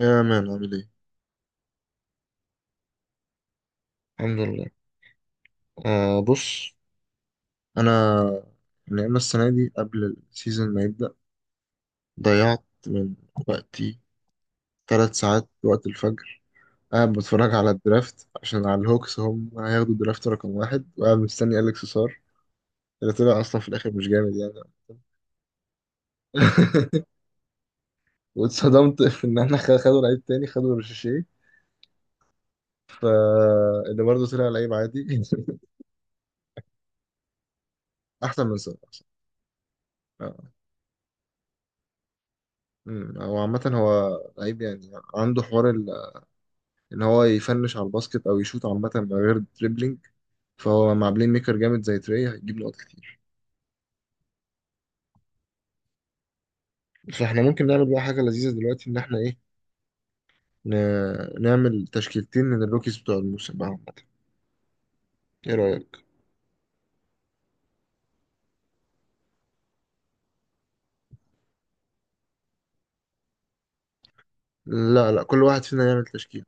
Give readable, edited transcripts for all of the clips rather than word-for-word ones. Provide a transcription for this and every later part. يا مان، عامل ايه؟ الحمد لله. آه، بص. انا يعني أنا السنة دي قبل السيزون ما يبدأ ضيعت من وقتي ثلاث ساعات وقت الفجر قاعد بتفرج على الدرافت، عشان على الهوكس هم هياخدوا الدرافت رقم واحد، وقاعد مستني أليكس سار اللي طلع أصلا في الآخر مش جامد يعني. واتصدمت في إن احنا خدوا لعيب تاني، خدوا رشاشيه، فاللي برضه طلع لعيب عادي. أحسن من سار، أحسن. آه. هو عامة هو لعيب يعني عنده حوار ان هو يفنش على الباسكت او يشوط عامه من غير دريبلينج، فهو مع بلاي ميكر جامد زي تري هيجيب نقط كتير. فاحنا ممكن نعمل بقى حاجه لذيذه دلوقتي، ان احنا نعمل تشكيلتين من الروكيز بتوع الموسم بقى عامة. ايه رايك؟ لا، لا، كل واحد فينا يعمل تشكيله.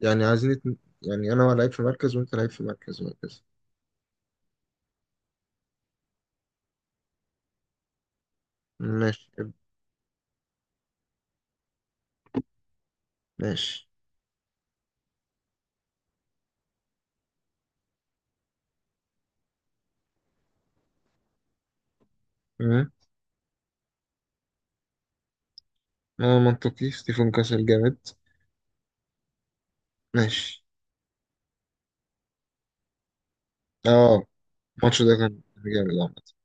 يعني عايزين يعني انا لعيب في مركز وانت لعيب في مركز وهكذا. ماشي. ماشي. امم. اه، منطقي، ستيفن كاسل جامد. ماشي. اه، الماتش ده كان جامد عامة.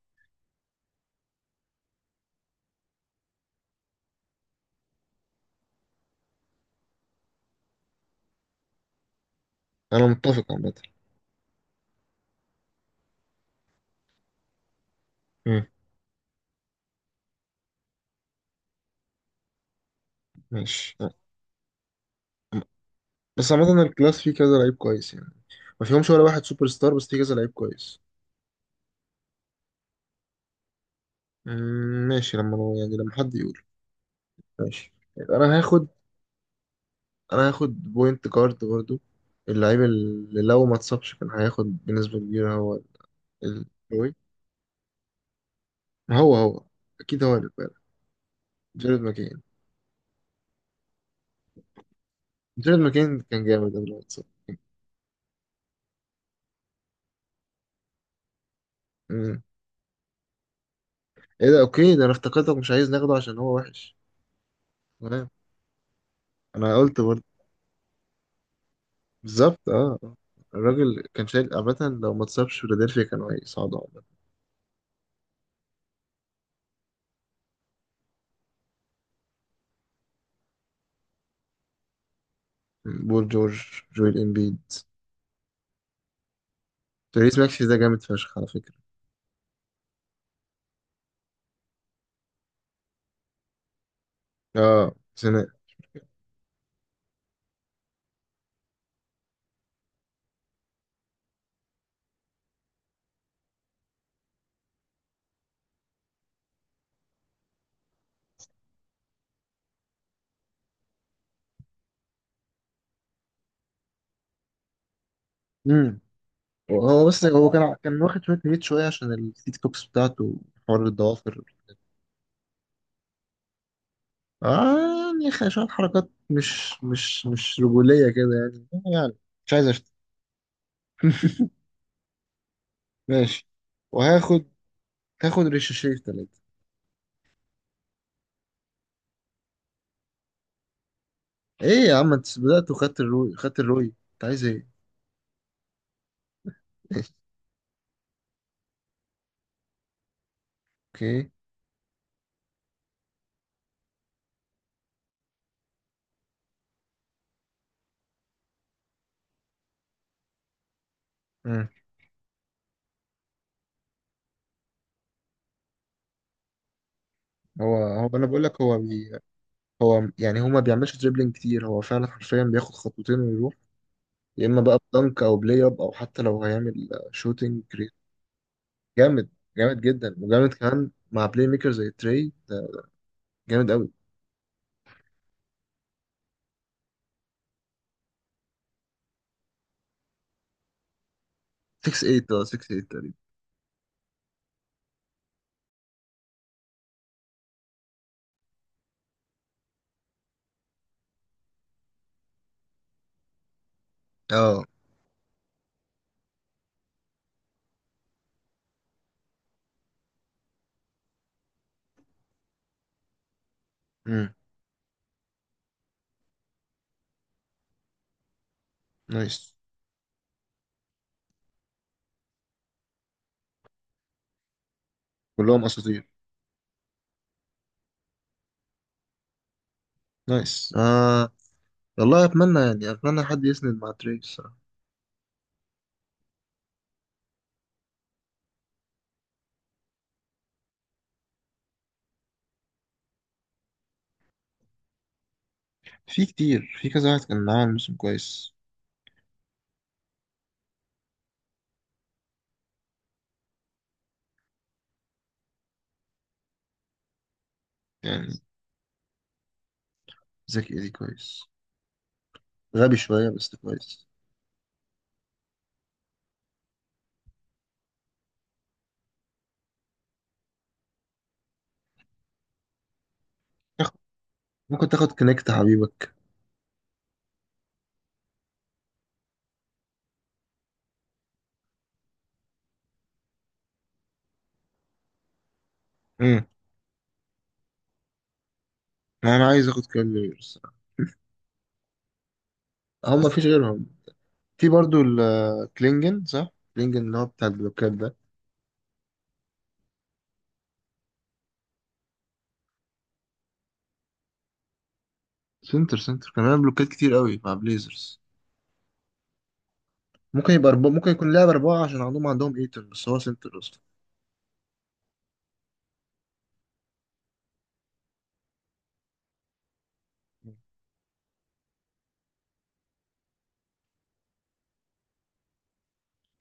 انا متفق عامة. مم. ماشي. بس عامة الكلاس فيه كذا لعيب كويس يعني، ما فيهمش ولا واحد سوبر ستار بس فيه كذا لعيب كويس. ماشي. لما أنا يعني لما حد يقول ماشي، يبقى انا هاخد بوينت جارد برضو. اللعيب اللي لو ما اتصابش كان هياخد بنسبة كبيرة هو الروي. ما هو اكيد هو اللي بقى. جيرد ماكين. جيرد ماكين كان جامد قبل ما يتصاب. مم. ايه ده؟ اوكي، ده انا افتكرتك مش عايز ناخده عشان هو وحش. تمام. انا قلت برضه، بالظبط. اه. آه. الراجل كان شايل عامة، لو ما اتصابش فيلادلفيا كانوا هيصعدوا. بول جورج، جويل امبيد. تيريس ماكسي ده جامد فشخ على فكرة. اه، سنة. امم. هو بس هو كان واخد شوية نيت شوية عشان السيت كوكس بتاعته، حوار الضوافر. اه، يعني شوية حركات مش رجولية كده يعني. يعني مش عايز اشتم. ماشي. وهاخد ريشاشيه في تلاتة. ايه يا عم، انت بدأت وخدت الروي، خدت الروي، انت عايز ايه؟ اوكي. مم. هو انا بقول لك هو يعني هو ما بيعملش دريبلينج كتير، هو فعلا حرفيا بياخد خطوتين ويروح، يا اما بقى بدنك او بلاي اب او حتى لو هيعمل شوتنج كريت. جامد. جامد جدا وجامد كمان مع بلاي ميكر زي تري ده، جامد قوي. 6 8. اه، 6 8 تقريبا. اه. امم. نايس. كلهم اساطير. نايس. آه. والله اتمنى يعني اتمنى حد يسند مع تري الصراحه. في كتير، في كذا واحد كان معاهم موسم كويس يعني. زكي ايدي كويس، غبي شويه بس كويس. تاخد- ممكن تاخد كونكت حبيبك. انا عايز اخد كالير الصراحه. هم مفيش غيرهم؟ في برضو الكلينجن صح؟ كلينجن اللي هو بتاع البلوكات ده. سنتر كان بيعمل بلوكات كتير قوي مع بليزرز. ممكن يبقى أربعة، ممكن يكون لاعب أربعة عشان عندهم ايتون بس هو سنتر أصلا.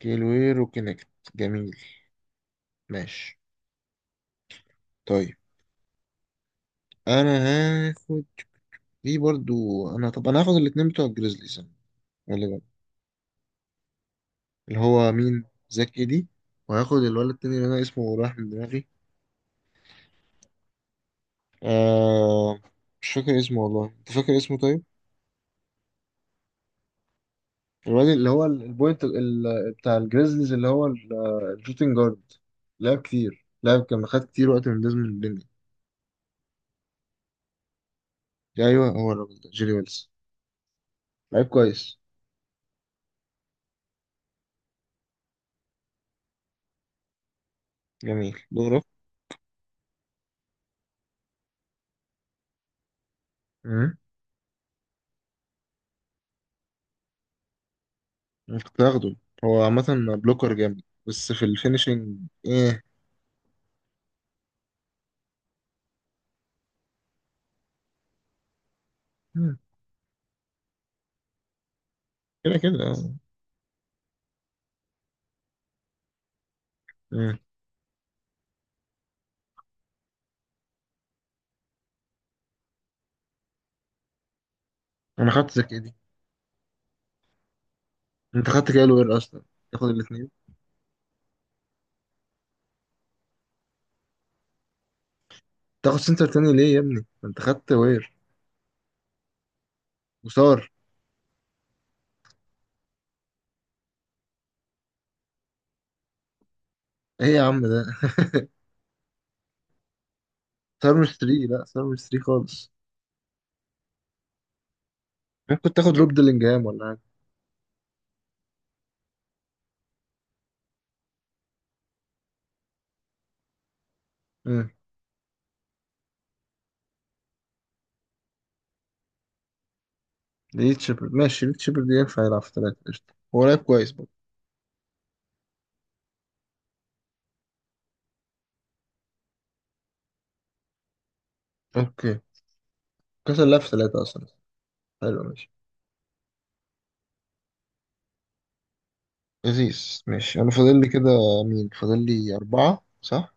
كيلوير وكينكت. جميل. ماشي. طيب أنا هاخد في برضو. أنا طب أنا هاخد الاتنين بتوع الجريزليز أنا غالبا. اللي هو مين؟ زاك إيدي. وهاخد الولد التاني اللي أنا اسمه رايح من دماغي. آه، مش فاكر اسمه والله، أنت فاكر اسمه طيب؟ الواد اللي هو البوينت بتاع الجريزليز اللي هو الشوتنج جارد، لعب كتير، لعب كان خد كتير وقت من ديزموند بين. ايوه، هو الراجل ده، جيري ويلز. لعب كويس. جميل دوره. امم. أنا كنت هاخده. هو عامة بلوكر جامد بس في الفينشنج. ايه. مم. كده كده اه. مم. انا خدت زك دي. انت خدت كده وير اصلا. تاخد الاثنين؟ تاخد سنتر تاني ليه يا ابني، ما انت خدت وير وصار؟ ايه يا عم ده؟ صار مش 3. لا، صار مش 3 خالص. ممكن تاخد روب ديلينجهام ولا؟ مم. ليد شيبرد. ماشي، ليد شيبرد ينفع يلعب في ثلاثة، قشطة، هو لعب كويس برضه. اوكي. كاس اللعب في ثلاثة اصلا. حلو ماشي. لذيذ ماشي. انا فاضل لي كده، مين فاضل لي أربعة صح؟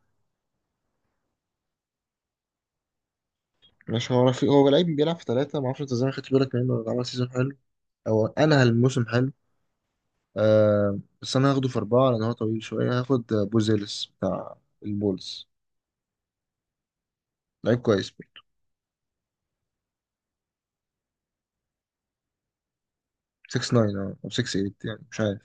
مش هو رفيق؟ هو لعيب بيلعب في ثلاثة، معرفش انت ازاي ما خدتش بالك منه، ولا عمل سيزون حلو او انا الموسم حلو. آه، بس انا هاخده في أربعة لأن هو طويل شوية. هاخد بوزيلس بتاع البولز. لعيب كويس برضه. 6 9 أو 6 8 يعني مش عارف.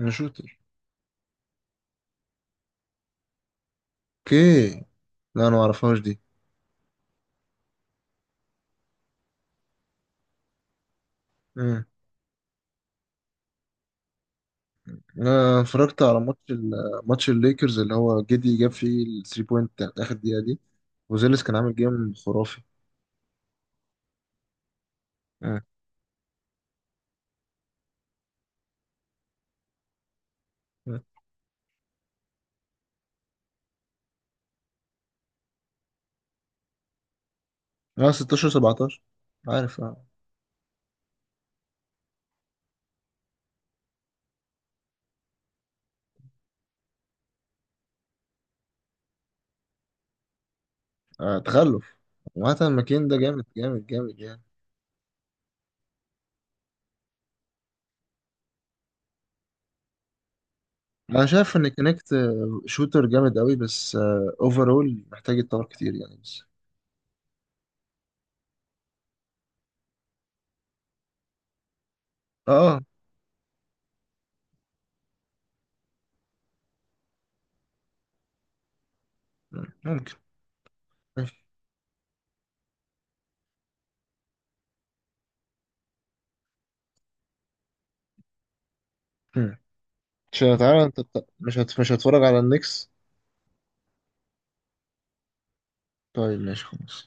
انا شوتر. اوكي، لا انا ما اعرفهاش دي. انا اتفرجت على ماتش ماتش الليكرز اللي هو جدي جاب فيه الثري بوينت بتاعت اخر دقيقه دي. وزيلس كان عامل جيم خرافي. اه اه 16 17، عارف، اه. آه، تخلف. وعامة ماكين ده جامد جامد جامد يعني. انا شايف ان كونكت آه، شوتر جامد قوي، بس اوفرول محتاج يتطور كتير يعني بس. اه، آه، ممكن. ماشي. مم. مش تعالى، انت مش هتفرج على النكس؟ طيب ماشي، خلاص.